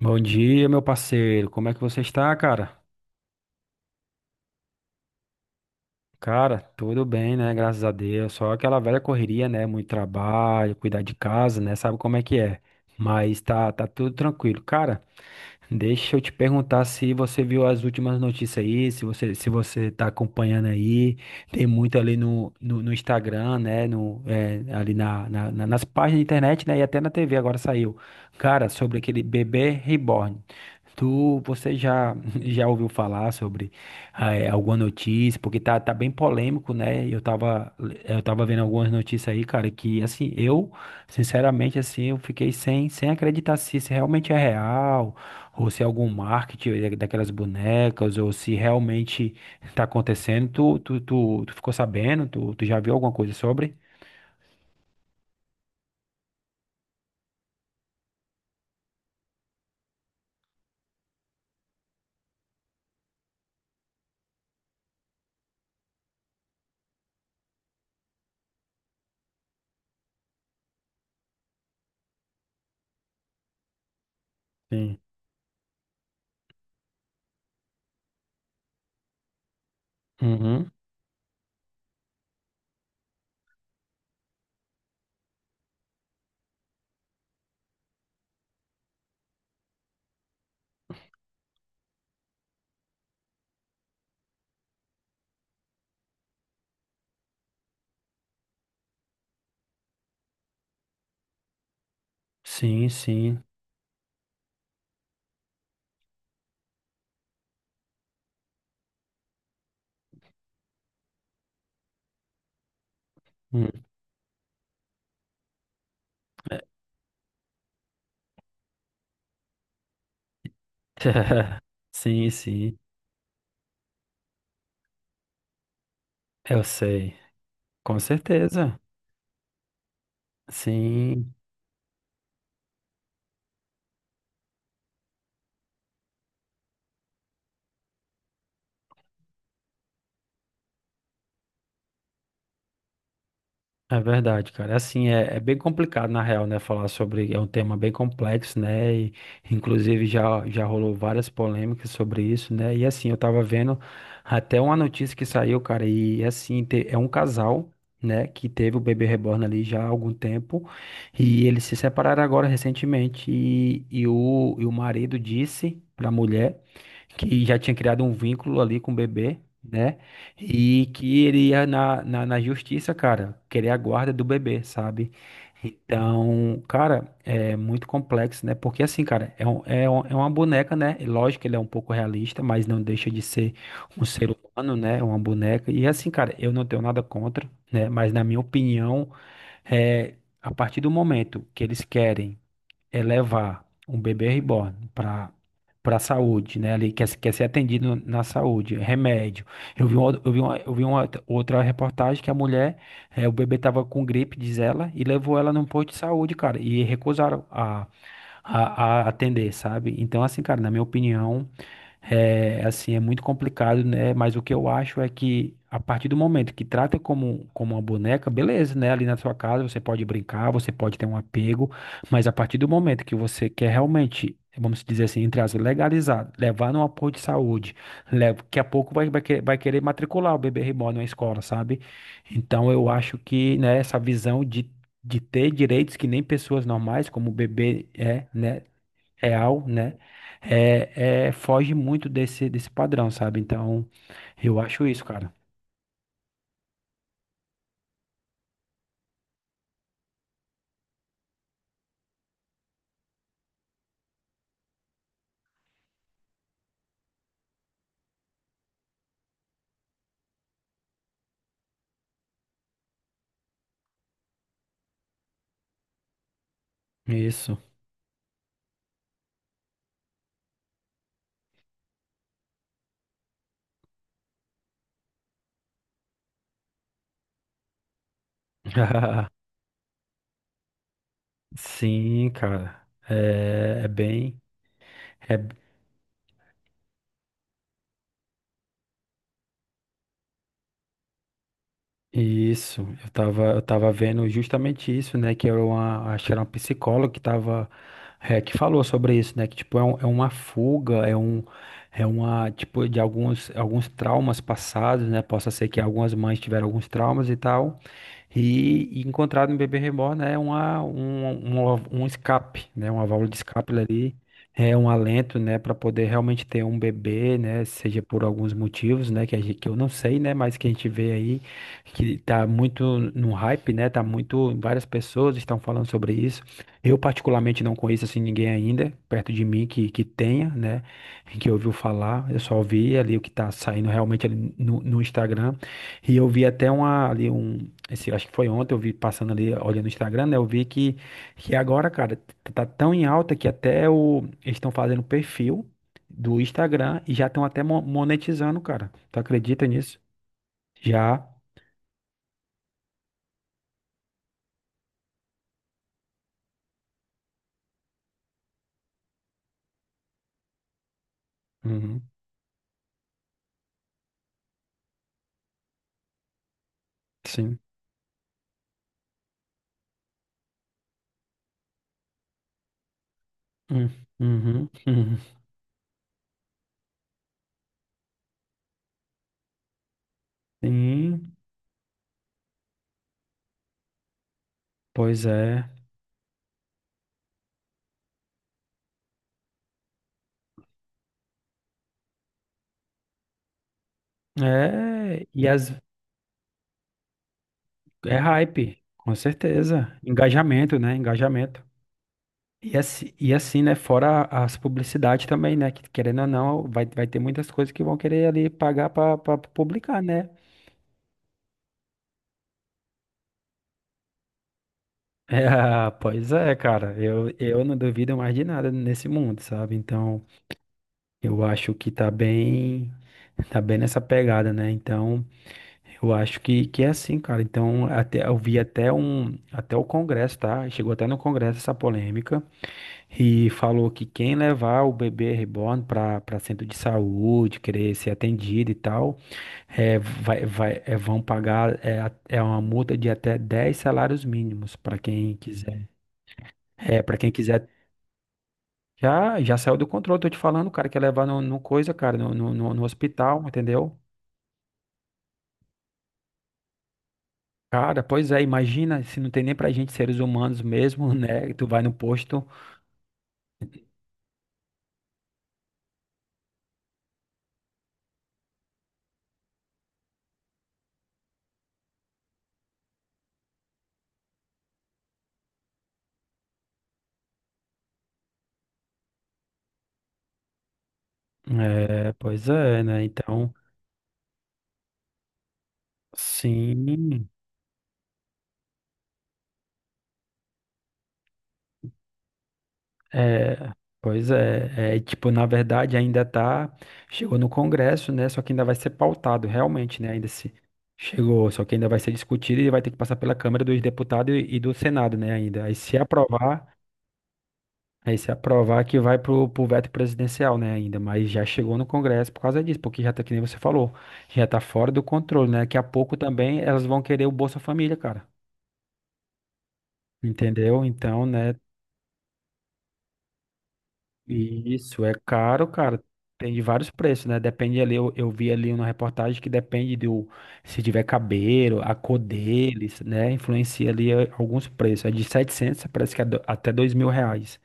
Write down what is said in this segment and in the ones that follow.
Bom dia, meu parceiro. Como é que você está, cara? Cara, tudo bem, né? Graças a Deus. Só aquela velha correria, né? Muito trabalho, cuidar de casa, né? Sabe como é que é. Mas tá tudo tranquilo. Cara, deixa eu te perguntar se você viu as últimas notícias aí, se você está acompanhando aí. Tem muito ali no Instagram, né, no, é, ali nas páginas da internet, né, e até na TV agora saiu, cara, sobre aquele bebê reborn. Você já já ouviu falar sobre alguma notícia? Porque tá bem polêmico, né? Eu tava vendo algumas notícias aí, cara, que assim eu Sinceramente, assim, eu fiquei sem acreditar se isso realmente é real, ou se é algum marketing daquelas bonecas, ou se realmente tá acontecendo. Tu ficou sabendo? Tu já viu alguma coisa sobre? Sim. Uhum. Sim, sim. Hum. Sim, sim. Eu sei. Com certeza. Sim. É verdade, cara. É assim, é bem complicado, na real, né? Falar sobre. É um tema bem complexo, né? E, inclusive, já rolou várias polêmicas sobre isso, né? E, assim, eu tava vendo até uma notícia que saiu, cara. E, assim, é um casal, né? Que teve o bebê reborn ali já há algum tempo. E eles se separaram agora recentemente. E o marido disse pra mulher que já tinha criado um vínculo ali com o bebê, né? E que ele ia na justiça, cara, querer a guarda do bebê, sabe? Então, cara, é muito complexo, né? Porque assim, cara, é uma boneca, né? E lógico que ele é um pouco realista, mas não deixa de ser um ser humano, né? Uma boneca. E assim, cara, eu não tenho nada contra, né? Mas na minha opinião, é, a partir do momento que eles querem é levar um bebê reborn para a saúde, né? Ali quer, se- quer ser atendido na saúde, remédio. Eu vi, uma, eu vi, uma, eu vi uma outra reportagem que a mulher, o bebê tava com gripe, diz ela, e levou ela num posto de saúde, cara, e recusaram a atender, sabe? Então, assim, cara, na minha opinião. É, assim, é muito complicado, né? Mas o que eu acho é que, a partir do momento que trata como uma boneca, beleza, né? Ali na sua casa você pode brincar, você pode ter um apego, mas a partir do momento que você quer realmente, vamos dizer assim, entre aspas, legalizar, levar num apoio de saúde, leva, daqui a pouco vai querer matricular o bebê reborn na escola, sabe? Então eu acho que, né, essa visão De ter direitos que nem pessoas normais, como o bebê é, né? Real, né? É, foge muito desse padrão, sabe? Então, eu acho isso, cara. Isso. Sim, cara. É bem. É isso. Eu tava vendo justamente isso, né? Que acho que era uma psicóloga que tava, que falou sobre isso, né? Que tipo, é uma fuga, tipo, de alguns traumas passados, né? Possa ser que algumas mães tiveram alguns traumas e tal. E encontrado no bebê reborn é um escape, né? Uma válvula de escape ali, é um alento, né? Para poder realmente ter um bebê, né? Seja por alguns motivos, né? Que eu não sei, né? Mas que a gente vê aí que tá muito no hype, né? Tá muito, várias pessoas estão falando sobre isso. Eu particularmente não conheço assim ninguém ainda perto de mim que tenha, né? Que ouviu falar. Eu só vi ali o que tá saindo realmente ali no Instagram. E eu vi até uma, ali um esse, acho que foi ontem, eu vi passando ali, olhando no Instagram, né? Eu vi que agora, cara, tá tão em alta que eles estão fazendo perfil do Instagram e já estão até monetizando, cara. Tu acredita nisso? Já. Uhum, sim. Hum. Uhum, uhum. Sim, pois é. É, é hype, com certeza. Engajamento, né? Engajamento. E assim, né? Fora as publicidades também, né? Que querendo ou não, vai ter muitas coisas que vão querer ali pagar pra publicar, né? É, ah, pois é, cara. Eu não duvido mais de nada nesse mundo, sabe? Então, eu acho que tá bem nessa pegada, né? Então, eu acho que é assim, cara. Então, até, eu vi até o Congresso, tá? Chegou até no Congresso essa polêmica e falou que quem levar o bebê reborn para centro de saúde, querer ser atendido e tal. É, vão pagar, é uma multa de até 10 salários mínimos para quem quiser. É, para quem quiser. Já saiu do controle, tô te falando, cara, que é levar no coisa, cara, no hospital, entendeu? Cara, pois é, imagina se não tem nem pra gente seres humanos mesmo, né? Tu vai no posto. É, pois é, né? Então, sim. É, pois é, é, tipo, na verdade ainda tá, chegou no Congresso, né, só que ainda vai ser pautado, realmente, né, ainda se chegou, só que ainda vai ser discutido e vai ter que passar pela Câmara dos Deputados e do Senado, né, ainda, aí se aprovar que vai pro veto presidencial, né, ainda, mas já chegou no Congresso por causa disso, porque já tá, que nem você falou, já tá fora do controle, né, daqui a pouco também elas vão querer o Bolsa Família, cara, entendeu? Então, né, isso. É caro, cara. Tem de vários preços, né? Depende ali, eu vi ali uma reportagem que depende do, se tiver cabelo, a cor deles, né? Influencia ali alguns preços. É de 700, parece que é até 2.000 reais.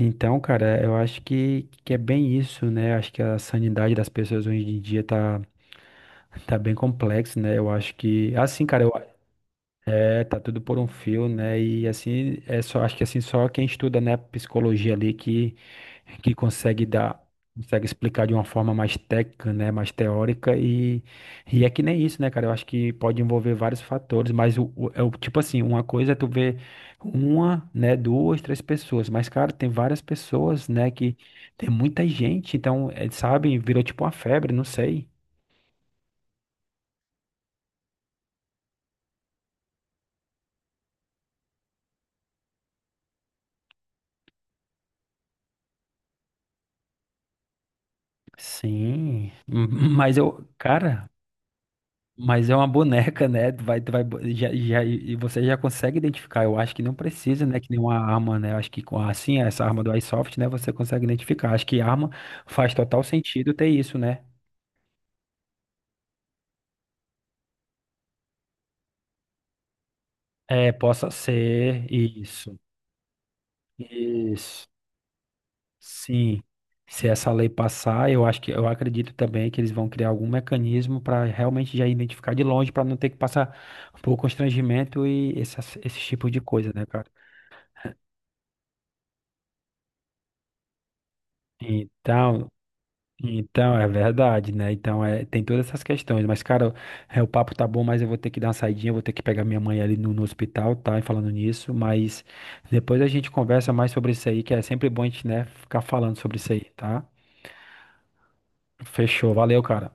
Então, cara, eu acho que é bem isso, né? Acho que a sanidade das pessoas hoje em dia tá bem complexo, né? Eu acho que, assim, cara, tá tudo por um fio, né? E assim, é só, acho que assim, só quem estuda, né, psicologia ali que consegue dar, consegue explicar de uma forma mais técnica, né, mais teórica e é que nem isso, né, cara? Eu acho que pode envolver vários fatores, mas é o tipo assim, uma coisa é tu ver uma, né, duas, três pessoas, mas cara, tem várias pessoas, né, que tem muita gente, então, é, sabe, virou tipo uma febre, não sei. Sim, Mas é uma boneca, né? Tu vai, bo- já, já, e você já consegue identificar. Eu acho que não precisa, né? Que nenhuma arma, né? Eu acho que com assim, essa arma do iSoft, né? Você consegue identificar. Acho que arma faz total sentido ter isso, né? É, possa ser isso. Isso. Sim. Se essa lei passar, eu acho que eu acredito também que eles vão criar algum mecanismo para realmente já identificar de longe, para não ter que passar por constrangimento e esse tipo de coisa, né, cara? Então, Então, é verdade, né? Então, tem todas essas questões. Mas, cara, o papo tá bom, mas eu vou ter que dar uma saidinha, eu vou ter que pegar minha mãe ali no hospital, tá? E falando nisso, mas depois a gente conversa mais sobre isso aí, que é sempre bom a gente, né, ficar falando sobre isso aí, tá? Fechou, valeu, cara.